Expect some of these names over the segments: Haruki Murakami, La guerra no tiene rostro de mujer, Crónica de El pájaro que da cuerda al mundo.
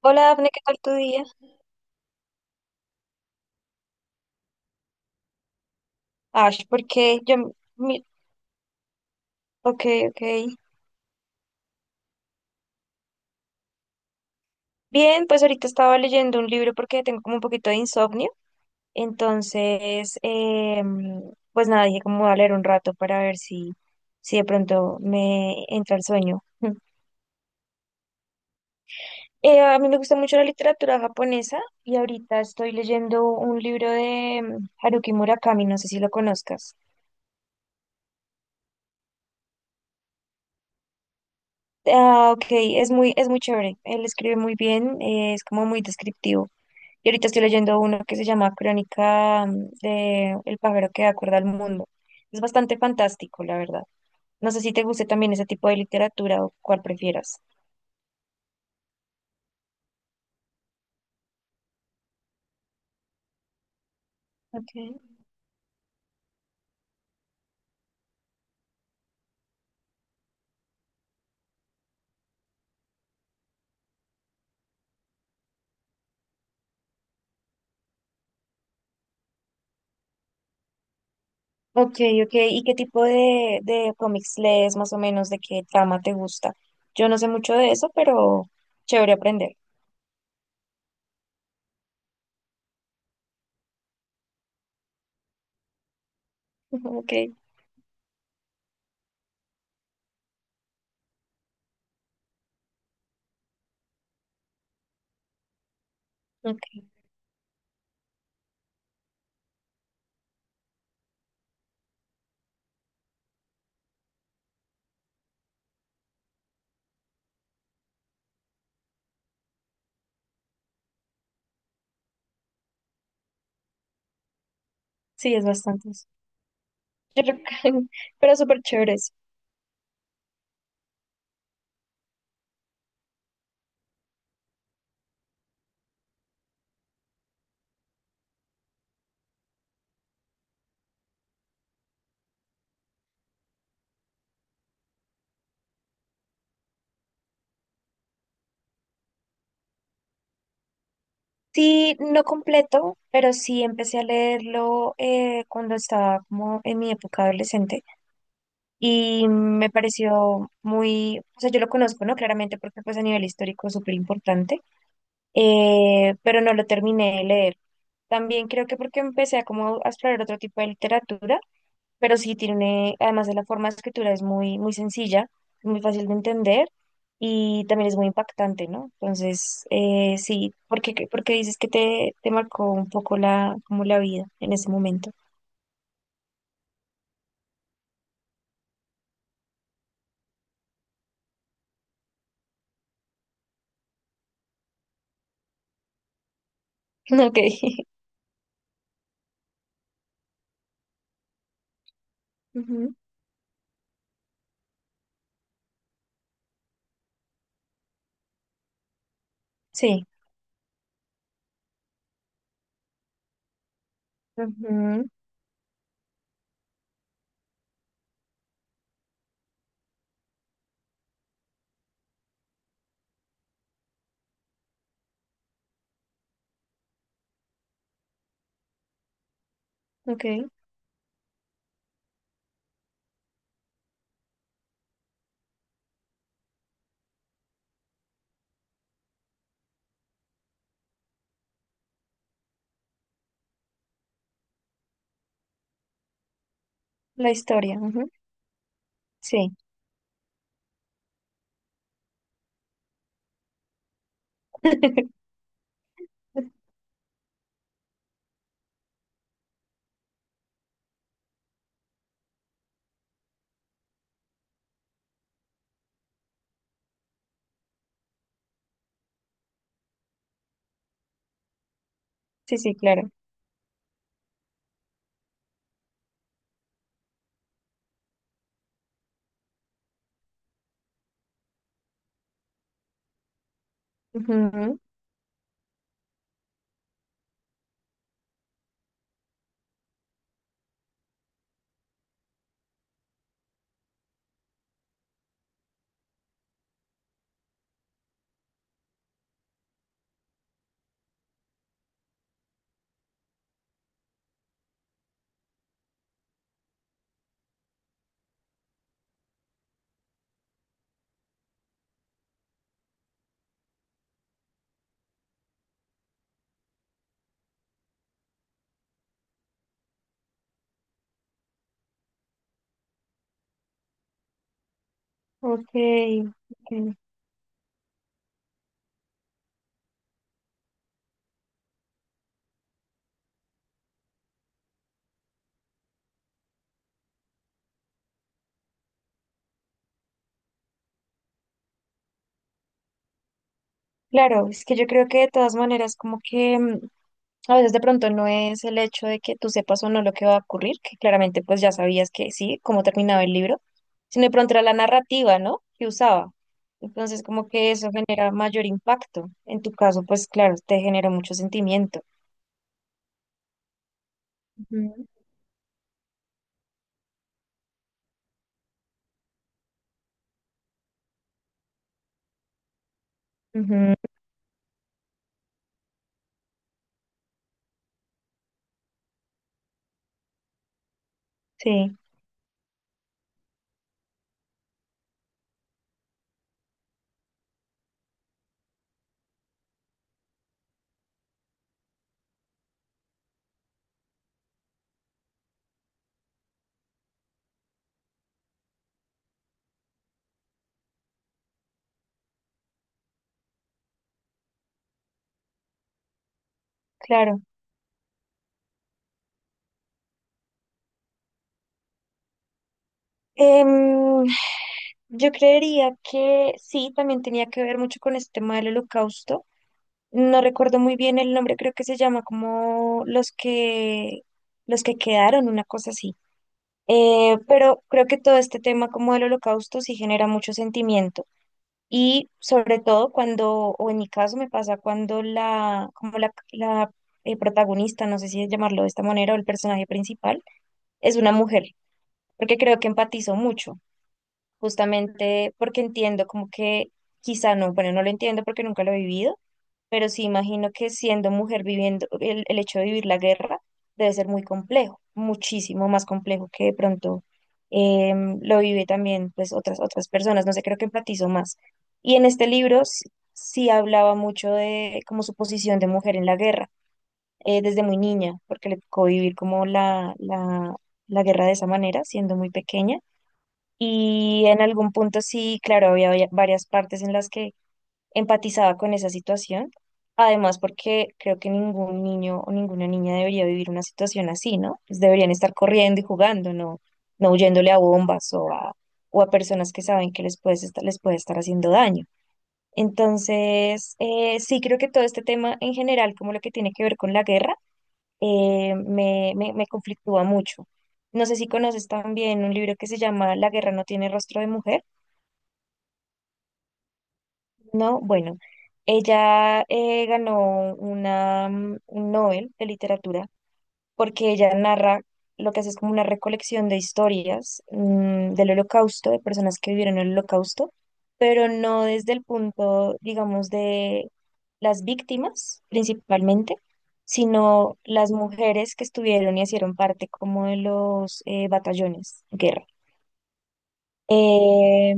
Hola Dafne, ¿qué tal tu día? Ash, porque yo, ok, ok. Bien, pues ahorita estaba leyendo un libro porque tengo como un poquito de insomnio, entonces, pues nada, dije como voy a leer un rato para ver si, si de pronto me entra el sueño. Mm. A mí me gusta mucho la literatura japonesa y ahorita estoy leyendo un libro de Haruki Murakami, no sé si lo conozcas. Ah, ok, es muy chévere, él escribe muy bien, es como muy descriptivo. Y ahorita estoy leyendo uno que se llama Crónica de El pájaro que da cuerda al mundo. Es bastante fantástico, la verdad. No sé si te guste también ese tipo de literatura o cuál prefieras. Okay. Ok, ok. ¿Y qué tipo de cómics lees más o menos? ¿De qué trama te gusta? Yo no sé mucho de eso, pero chévere aprender. Ok, ok. Sí, es bastante eso. Yo creo que- pero súper chéveres. Sí, no completo, pero sí empecé a leerlo cuando estaba como en mi época adolescente. Y me pareció muy, o sea, yo lo conozco, ¿no? Claramente porque pues a nivel histórico es súper importante, pero no lo terminé de leer. También creo que porque empecé a como a explorar otro tipo de literatura, pero sí tiene, además de la forma de escritura es muy, muy sencilla, muy fácil de entender y también es muy impactante, ¿no? Entonces, sí, porque, porque dices que te marcó un poco la, como la vida en ese momento. Ok. Ujú. Sí. Ujú. Ok. La historia, ujú. Sí. Sí, sí, claro. Ujú. Ok, ok. Claro, es que yo creo que de todas maneras como que a veces de pronto no es el hecho de que tú sepas o no lo que va a ocurrir, que claramente pues ya sabías que sí, cómo terminaba el libro, sino de pronto era la narrativa, ¿no?, que usaba. Entonces como que eso genera mayor impacto. En tu caso, pues claro, te generó mucho sentimiento. Ujú, ujú. Sí, claro. Em, yo creería que sí, también tenía que ver mucho con este tema del holocausto. No recuerdo muy bien el nombre, creo que se llama como los que quedaron, una cosa así. Pero creo que todo este tema como del holocausto sí genera mucho sentimiento. Y sobre todo cuando, o en mi caso me pasa cuando la, como la protagonista, no sé si llamarlo de esta manera, o el personaje principal, es una mujer, porque creo que empatizo mucho justamente porque entiendo como que quizá no, bueno, no lo entiendo porque nunca lo he vivido, pero sí imagino que siendo mujer viviendo, el hecho de vivir la guerra debe ser muy complejo, muchísimo más complejo que de pronto lo vive también pues otras, otras personas, no sé, creo que empatizo más. Y en este libro sí hablaba mucho de como su posición de mujer en la guerra, desde muy niña, porque le tocó vivir como la guerra de esa manera, siendo muy pequeña y en algún punto sí, claro, había varias partes en las que empatizaba con esa situación. Además, porque creo que ningún niño o ninguna niña debería vivir una situación así, ¿no? Pues deberían estar corriendo y jugando, no, no huyéndole a bombas o a personas que saben que les puede estar haciendo daño. Entonces, sí creo que todo este tema en general, como lo que tiene que ver con la guerra, me conflictúa mucho. No sé si conoces también un libro que se llama La guerra no tiene rostro de mujer. No, bueno, ella ganó una, un Nobel de literatura porque ella narra, lo que hace es como una recolección de historias del Holocausto, de personas que vivieron el Holocausto, pero no desde el punto, digamos, de las víctimas principalmente, sino las mujeres que estuvieron y hicieron parte como de los batallones de guerra. Eh,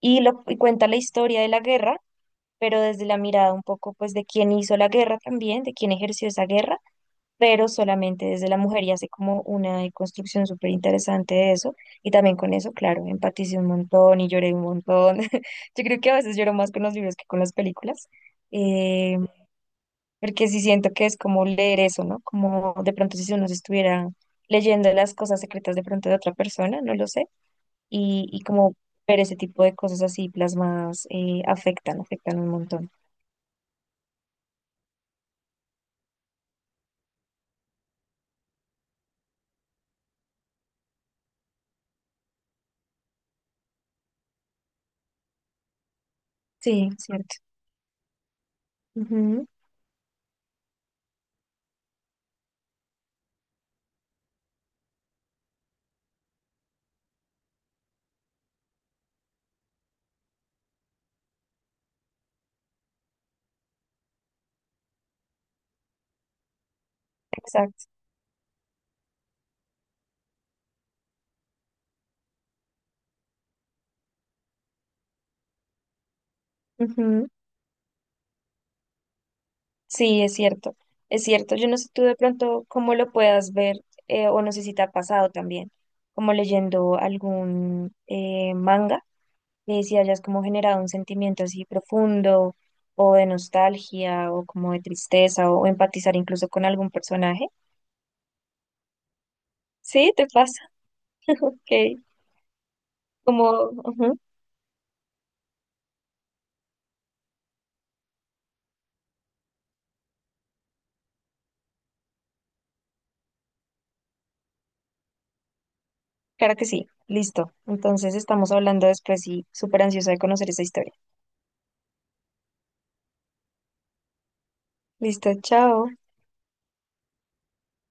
y, lo, y cuenta la historia de la guerra pero desde la mirada un poco pues de quién hizo la guerra también, de quién ejerció esa guerra, pero solamente desde la mujer y hace como una construcción súper interesante de eso. Y también con eso, claro, empaticé un montón y lloré un montón. Yo creo que a veces lloro más con los libros que con las películas. eh, porque sí siento que es como leer eso, ¿no? Como de pronto si uno se estuviera leyendo las cosas secretas de pronto de otra persona, no lo sé, y como ver ese tipo de cosas así plasmadas afectan, afectan un montón. Sí, cierto. Ujú. Exacto. Ujú. Sí, es cierto. Es cierto. Yo no sé tú de pronto cómo lo puedas ver, o no sé si te ha pasado también, como leyendo algún manga, si hayas como generado un sentimiento así profundo o de nostalgia o como de tristeza o, empatizar incluso con algún personaje. Sí, te pasa. Ok. Como, ujú. Claro que sí. Listo. Entonces estamos hablando después y súper ansiosa de conocer esa historia. Listo, chao.